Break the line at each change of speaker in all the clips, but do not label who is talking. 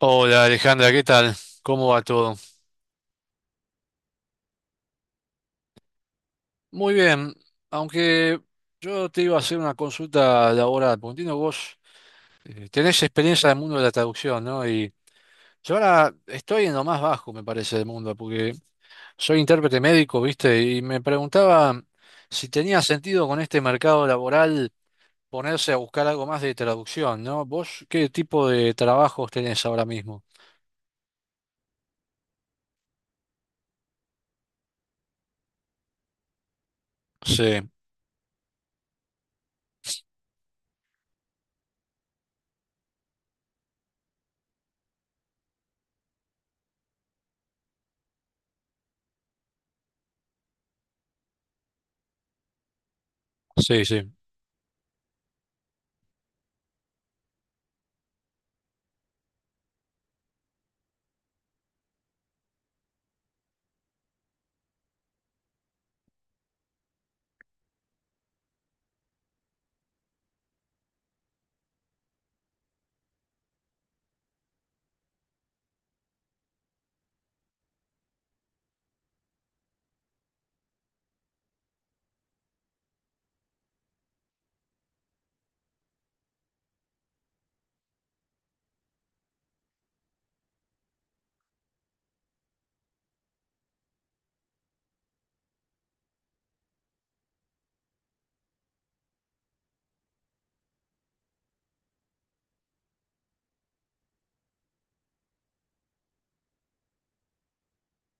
Hola Alejandra, ¿qué tal? ¿Cómo va todo? Muy bien, aunque yo te iba a hacer una consulta laboral, porque entiendo que vos tenés experiencia en el mundo de la traducción, ¿no? Y yo ahora estoy en lo más bajo, me parece, del mundo, porque soy intérprete médico, ¿viste? Y me preguntaba si tenía sentido con este mercado laboral ponerse a buscar algo más de traducción, ¿no? ¿Vos qué tipo de trabajos tenés ahora mismo? Sí, sí, sí.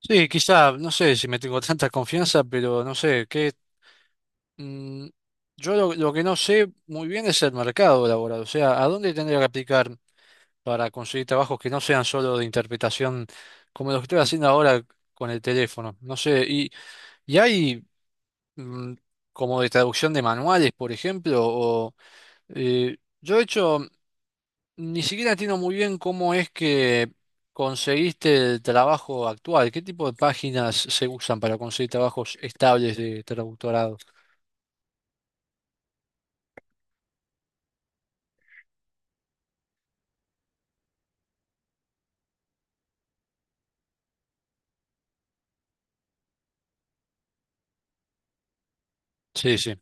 Sí, quizá, no sé si me tengo tanta confianza, pero no sé, ¿qué Mm, yo lo que no sé muy bien es el mercado laboral, o sea, ¿a dónde tendría que aplicar para conseguir trabajos que no sean solo de interpretación como los que estoy haciendo ahora con el teléfono? No sé, ¿y hay mm, como de traducción de manuales, por ejemplo? O, eh, yo de hecho ni siquiera entiendo muy bien cómo es que conseguiste el trabajo actual, qué tipo de páginas se usan para conseguir trabajos estables de traductorado. Sí, sí.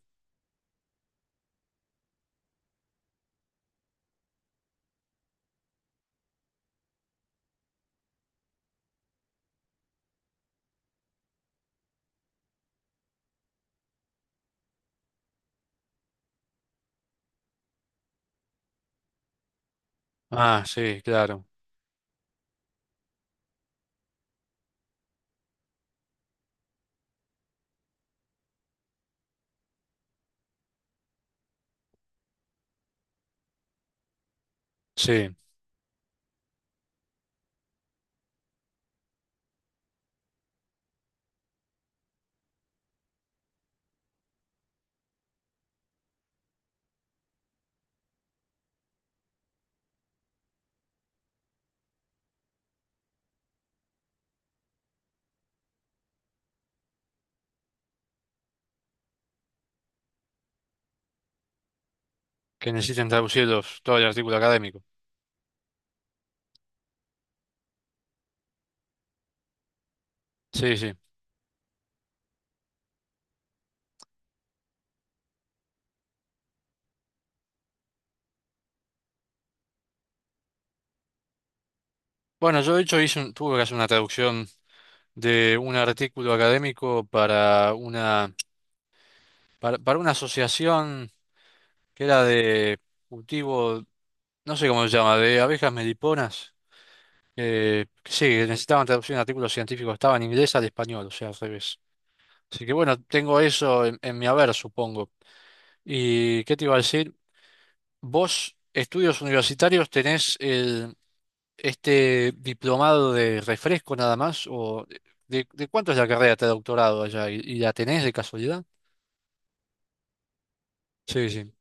Ah, sí, claro. Sí, que necesiten traducirlos todo el artículo académico. Sí, sí. Bueno, yo de hecho tuve que hacer una traducción de un artículo académico para una asociación que era de cultivo, no sé cómo se llama, de abejas meliponas. Que sí, que necesitaban traducción de artículos científicos, estaba en inglés al español, o sea, al revés. Así que bueno, tengo eso en mi haber, supongo. ¿Y qué te iba a decir? ¿Vos, estudios universitarios, tenés este diplomado de refresco nada más? ¿O de cuánto es la carrera de doctorado allá? Y la tenés de casualidad? Sí, sí,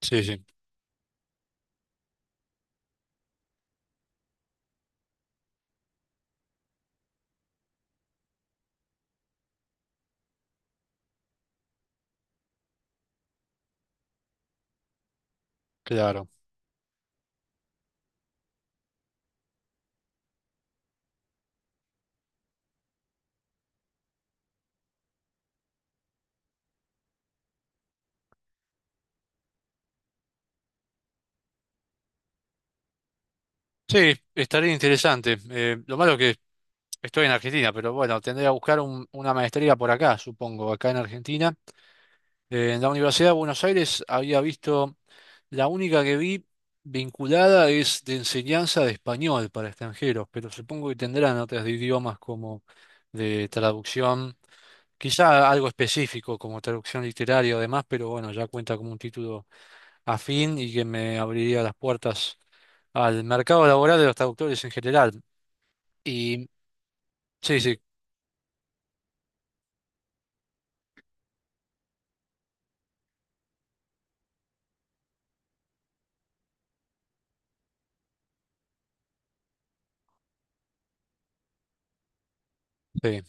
sí, sí, claro. Sí, estaría interesante. Lo malo que estoy en Argentina, pero bueno, tendré que una maestría por acá, supongo, acá en Argentina. En la Universidad de Buenos Aires había visto. La única que vi vinculada es de enseñanza de español para extranjeros, pero supongo que tendrán otras de idiomas como de traducción, quizá algo específico como traducción literaria o demás, pero bueno, ya cuenta como un título afín y que me abriría las puertas al mercado laboral de los traductores en general. Y sí, sí, sí,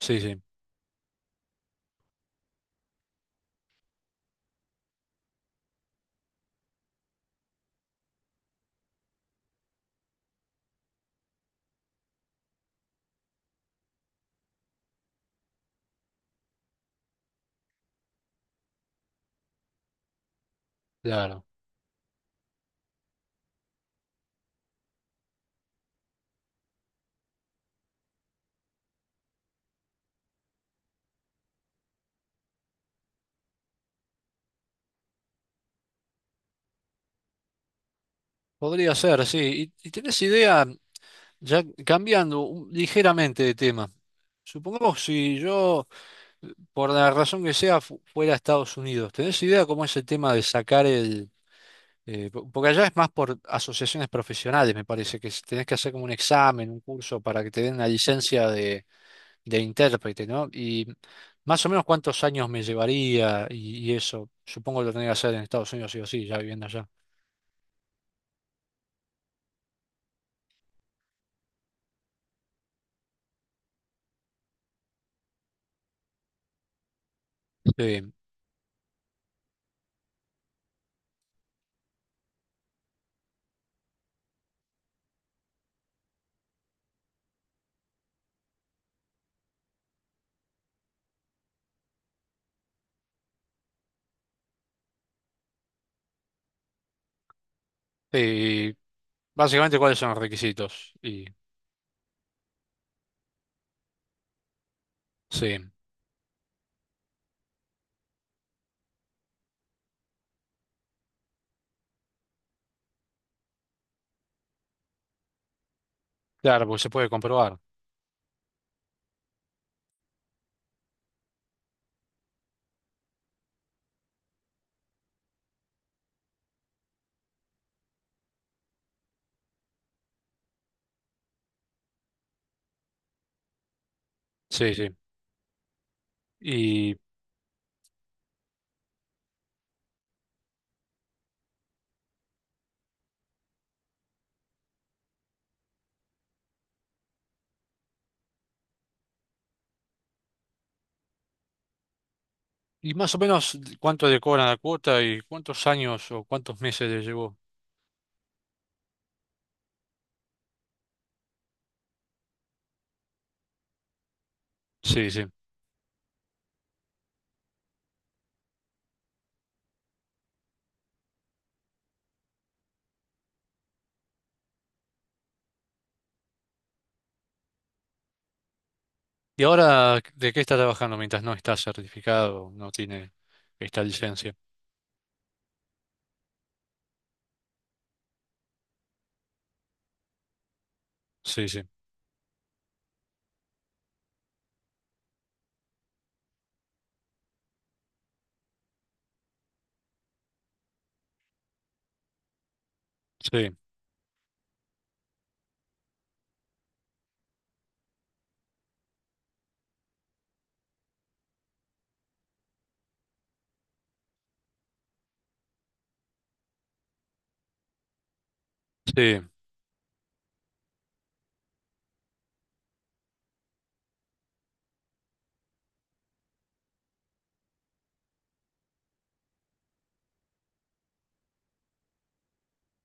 sí, sí, claro. Podría ser, sí. Y tenés idea, ya cambiando ligeramente de tema? Supongamos si yo por la razón que sea, fuera a Estados Unidos. ¿Tenés idea cómo es el tema de sacar el... porque allá es más por asociaciones profesionales, me parece, que tenés que hacer como un examen, un curso para que te den la licencia de intérprete, ¿no? Y más o menos cuántos años me llevaría y eso, supongo lo tenés que hacer en Estados Unidos, sí o sí, ya viviendo allá. Sí. Y básicamente cuáles son los requisitos. Y sí, claro, porque se puede comprobar. Sí, sí. ¿Y más o menos cuánto le cobran la cuota y cuántos años o cuántos meses le llevó? Sí, sí. ¿Y ahora de qué está trabajando mientras no está certificado, no tiene esta licencia? Sí, sí, sí, sí.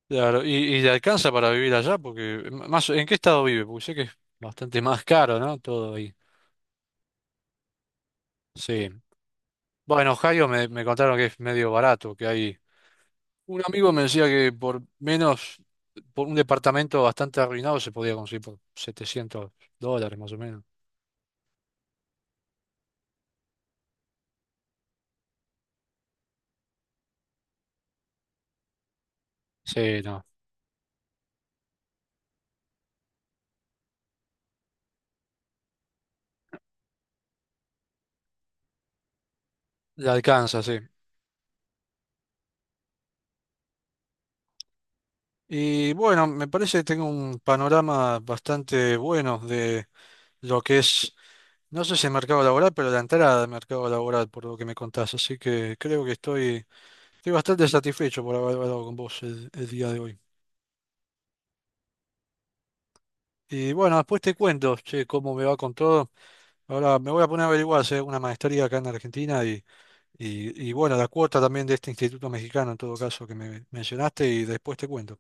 Claro, y le alcanza para vivir allá? Porque más, ¿en qué estado vive? Porque sé que es bastante más caro, ¿no? Todo ahí. Sí. Bueno, en Ohio me contaron que es medio barato, que hay... Un amigo me decía que por menos, por un departamento bastante arruinado se podía conseguir por $700 más o menos. Sí, no, la alcanza, sí. Y bueno, me parece que tengo un panorama bastante bueno de lo que es, no sé si el mercado laboral, pero la entrada al mercado laboral, por lo que me contás. Así que creo que estoy, estoy bastante satisfecho por haber hablado con vos el día de hoy. Y bueno, después te cuento, che, cómo me va con todo. Ahora me voy a poner a averiguar si hay una maestría acá en Argentina y bueno, la cuota también de este instituto mexicano, en todo caso, que me mencionaste, y después te cuento.